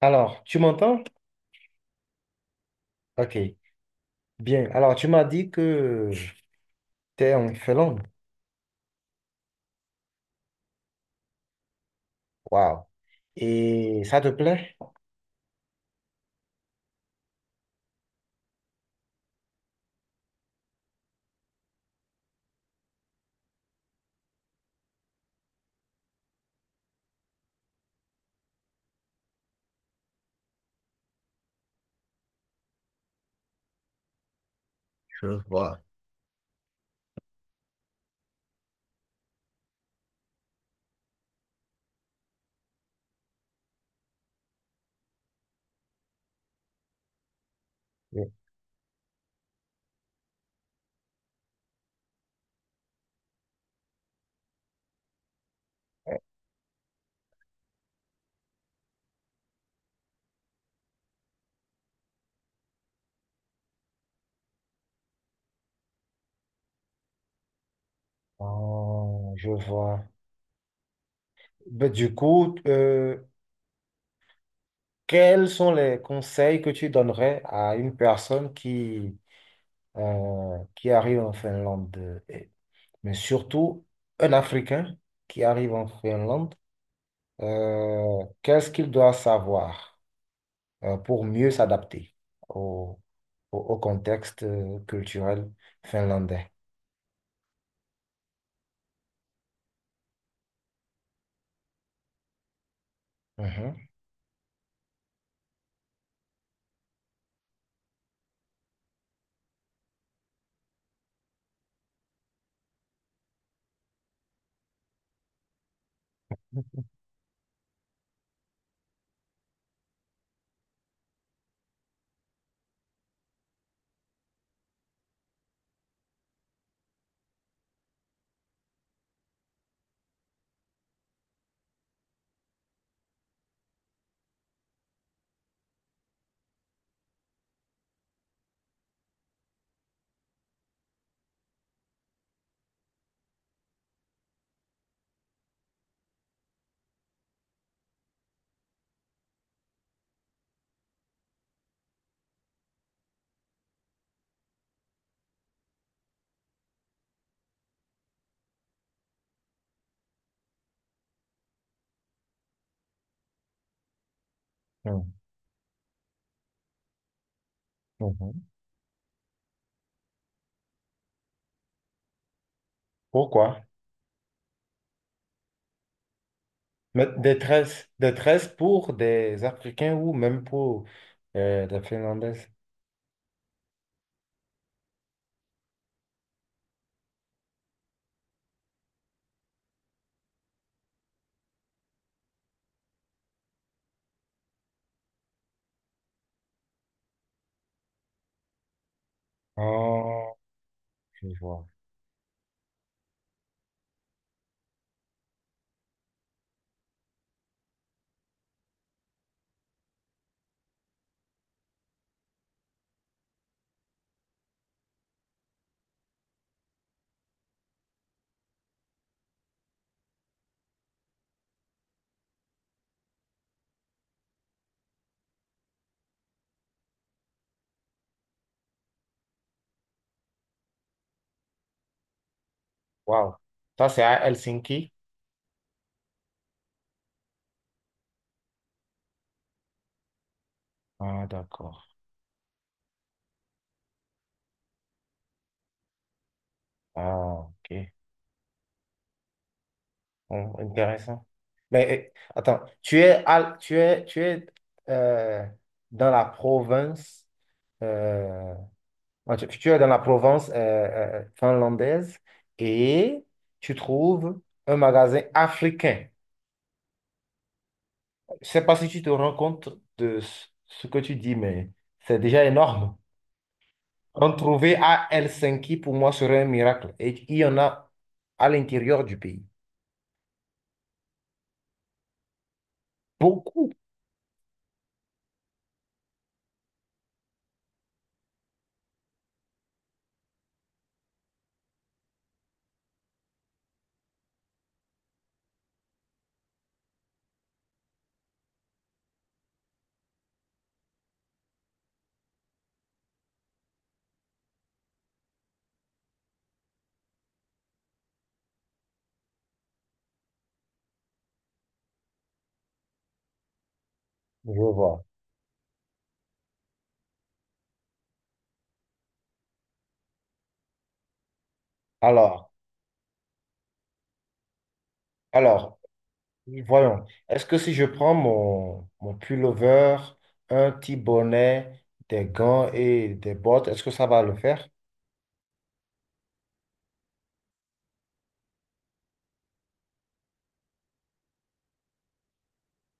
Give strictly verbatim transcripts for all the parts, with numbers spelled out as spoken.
Alors, tu m'entends? Ok, bien. Alors, tu m'as dit que tu es en Finlande. Waouh. Et ça te plaît? Je vois. Oui. Oh, je vois. Ben, du coup, euh, Quels sont les conseils que tu donnerais à une personne qui, euh, qui arrive en Finlande, et mais surtout un Africain qui arrive en Finlande, euh, qu'est-ce qu'il doit savoir, euh, pour mieux s'adapter au, au contexte euh, culturel finlandais. Mhm. Mhm. Mhm. Pourquoi? Mais détresse, détresse pour des Africains ou même pour euh, des Finlandaises. Oh, je vois. Waouh. Ça, c'est à Helsinki? Ah, d'accord. Ah, ok. Bon, intéressant. Mais euh, attends, tu es, à- tu es, tu es euh, dans la province euh, Ah, tu, tu es dans la Provence euh, euh, finlandaise et tu trouves un magasin africain. Je sais pas si tu te rends compte de ce ce que tu dis, mais c'est déjà énorme. En trouver à Helsinki, pour moi, serait un miracle. Et il y en a à l'intérieur du pays. Beaucoup, je vois. Alors, alors, voyons. Est-ce que si je prends mon, mon pullover, un petit bonnet, des gants et des bottes, est-ce que ça va le faire?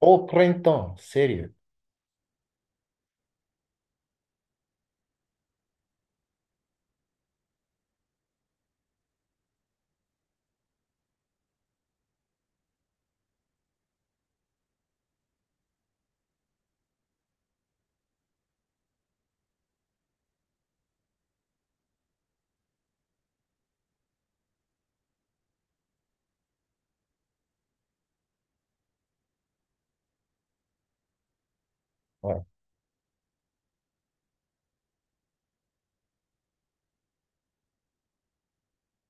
Au printemps, sérieux. Ouais,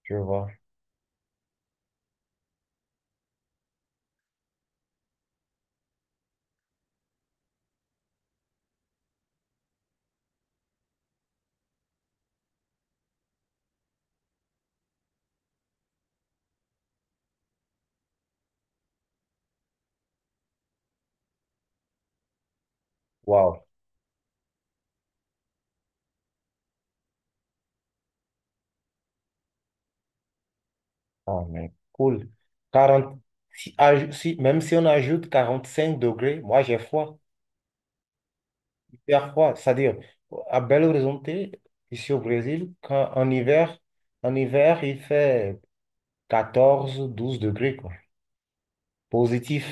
je vois. Waouh. Ah, mais cool. Quarante, si, aj- si- même si on ajoute quarante-cinq degrés, moi j'ai froid, hyper froid. C'est-à-dire, à Belo Horizonte, ici au Brésil, quand, en hiver, en hiver, il fait quatorze douze degrés, quoi. Positif.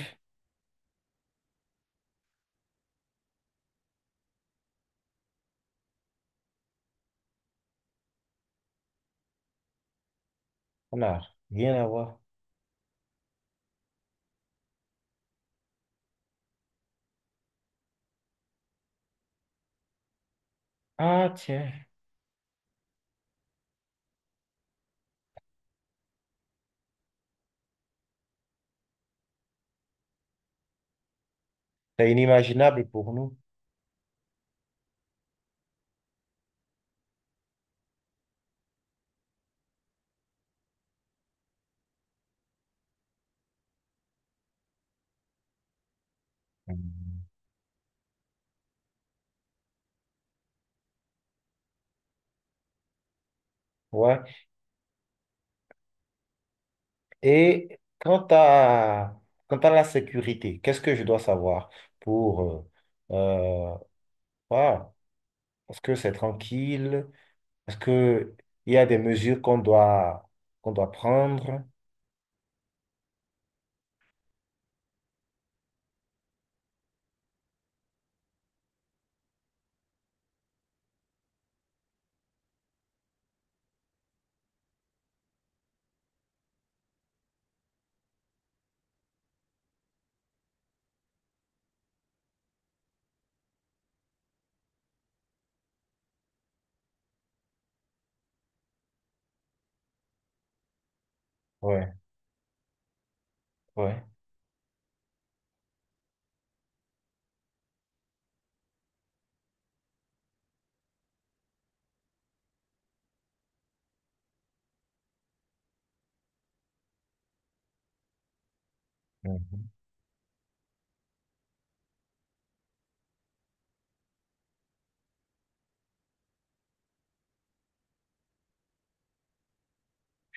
On n'a rien à voir. Ah, tiens. C'est inimaginable pour nous. Mm. Ouais. Et quant à, quant à la sécurité, qu'est-ce que je dois savoir pour... euh, euh, voilà. Est-ce que c'est tranquille? Est-ce que il y a des mesures qu'on doit, qu'on doit prendre? Ouais, ouais. Mhm.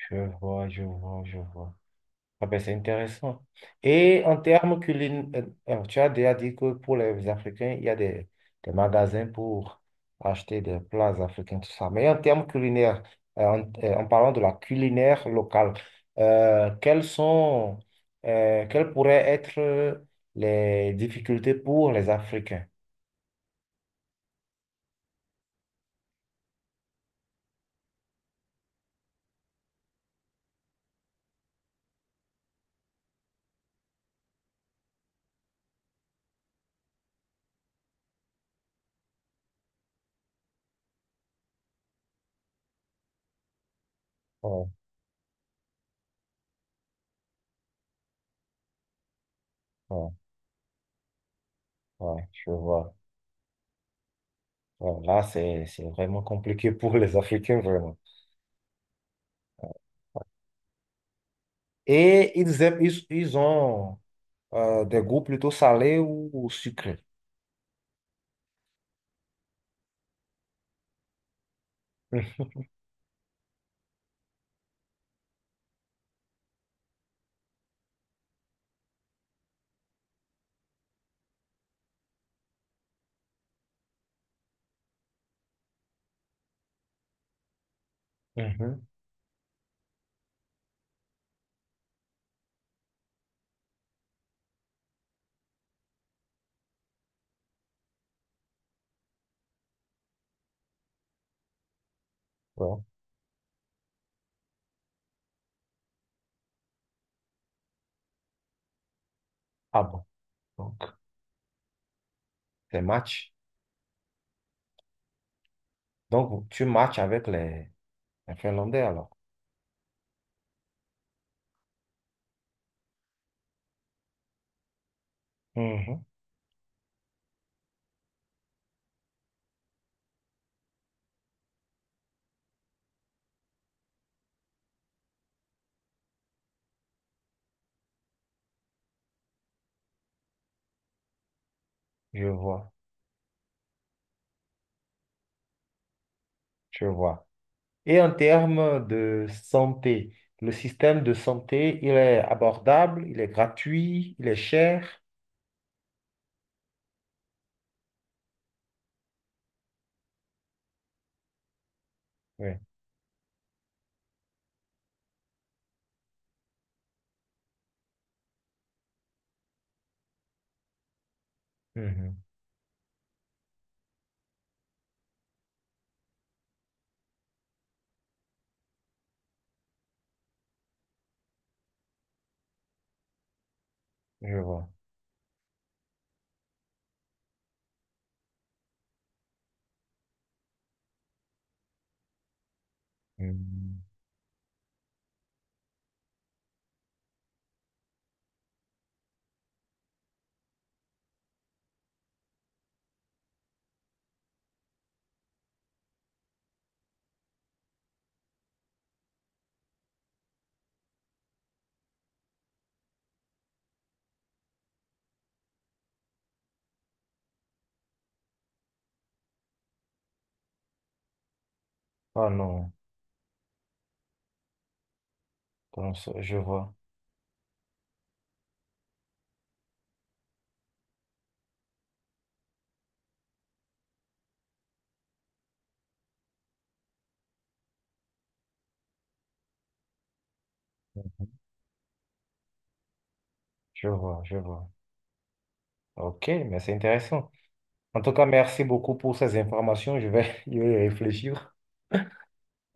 Je vois, je vois, je vois. Ah ben, c'est intéressant. Et en termes culinaires, tu as déjà dit que pour les Africains, il y a des, des magasins pour acheter des plats africains, tout ça. Mais en termes culinaires, euh, en, euh, en parlant de la culinaire locale, euh, quelles sont, euh, quelles pourraient être les difficultés pour les Africains? Ouais, ouais, ouais, je vois. Ouais, là, c'est, c'est vraiment compliqué pour les Africains, vraiment. Et ils aiment, ils, ils ont. Euh, des goûts plutôt salés ou, ou sucrés. Hum, mhm. Bon. Ah bon. Donc, c'est match. Donc, tu matches avec les, les Finlandais alors. Mhm. Je vois, je vois. Et en termes de santé, le système de santé, il est abordable, il est gratuit, il est cher. Oui. Mhm. Je vois. Mhm. Oh non, comment ça je vois, je vois, je vois. Ok, mais c'est intéressant. En tout cas, merci beaucoup pour ces informations. Je vais y réfléchir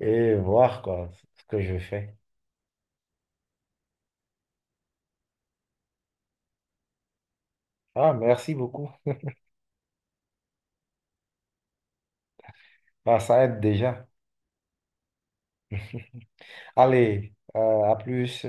et voir quoi, ce que je fais. Ah, merci beaucoup. Ah, ça aide déjà. Allez, euh, à plus.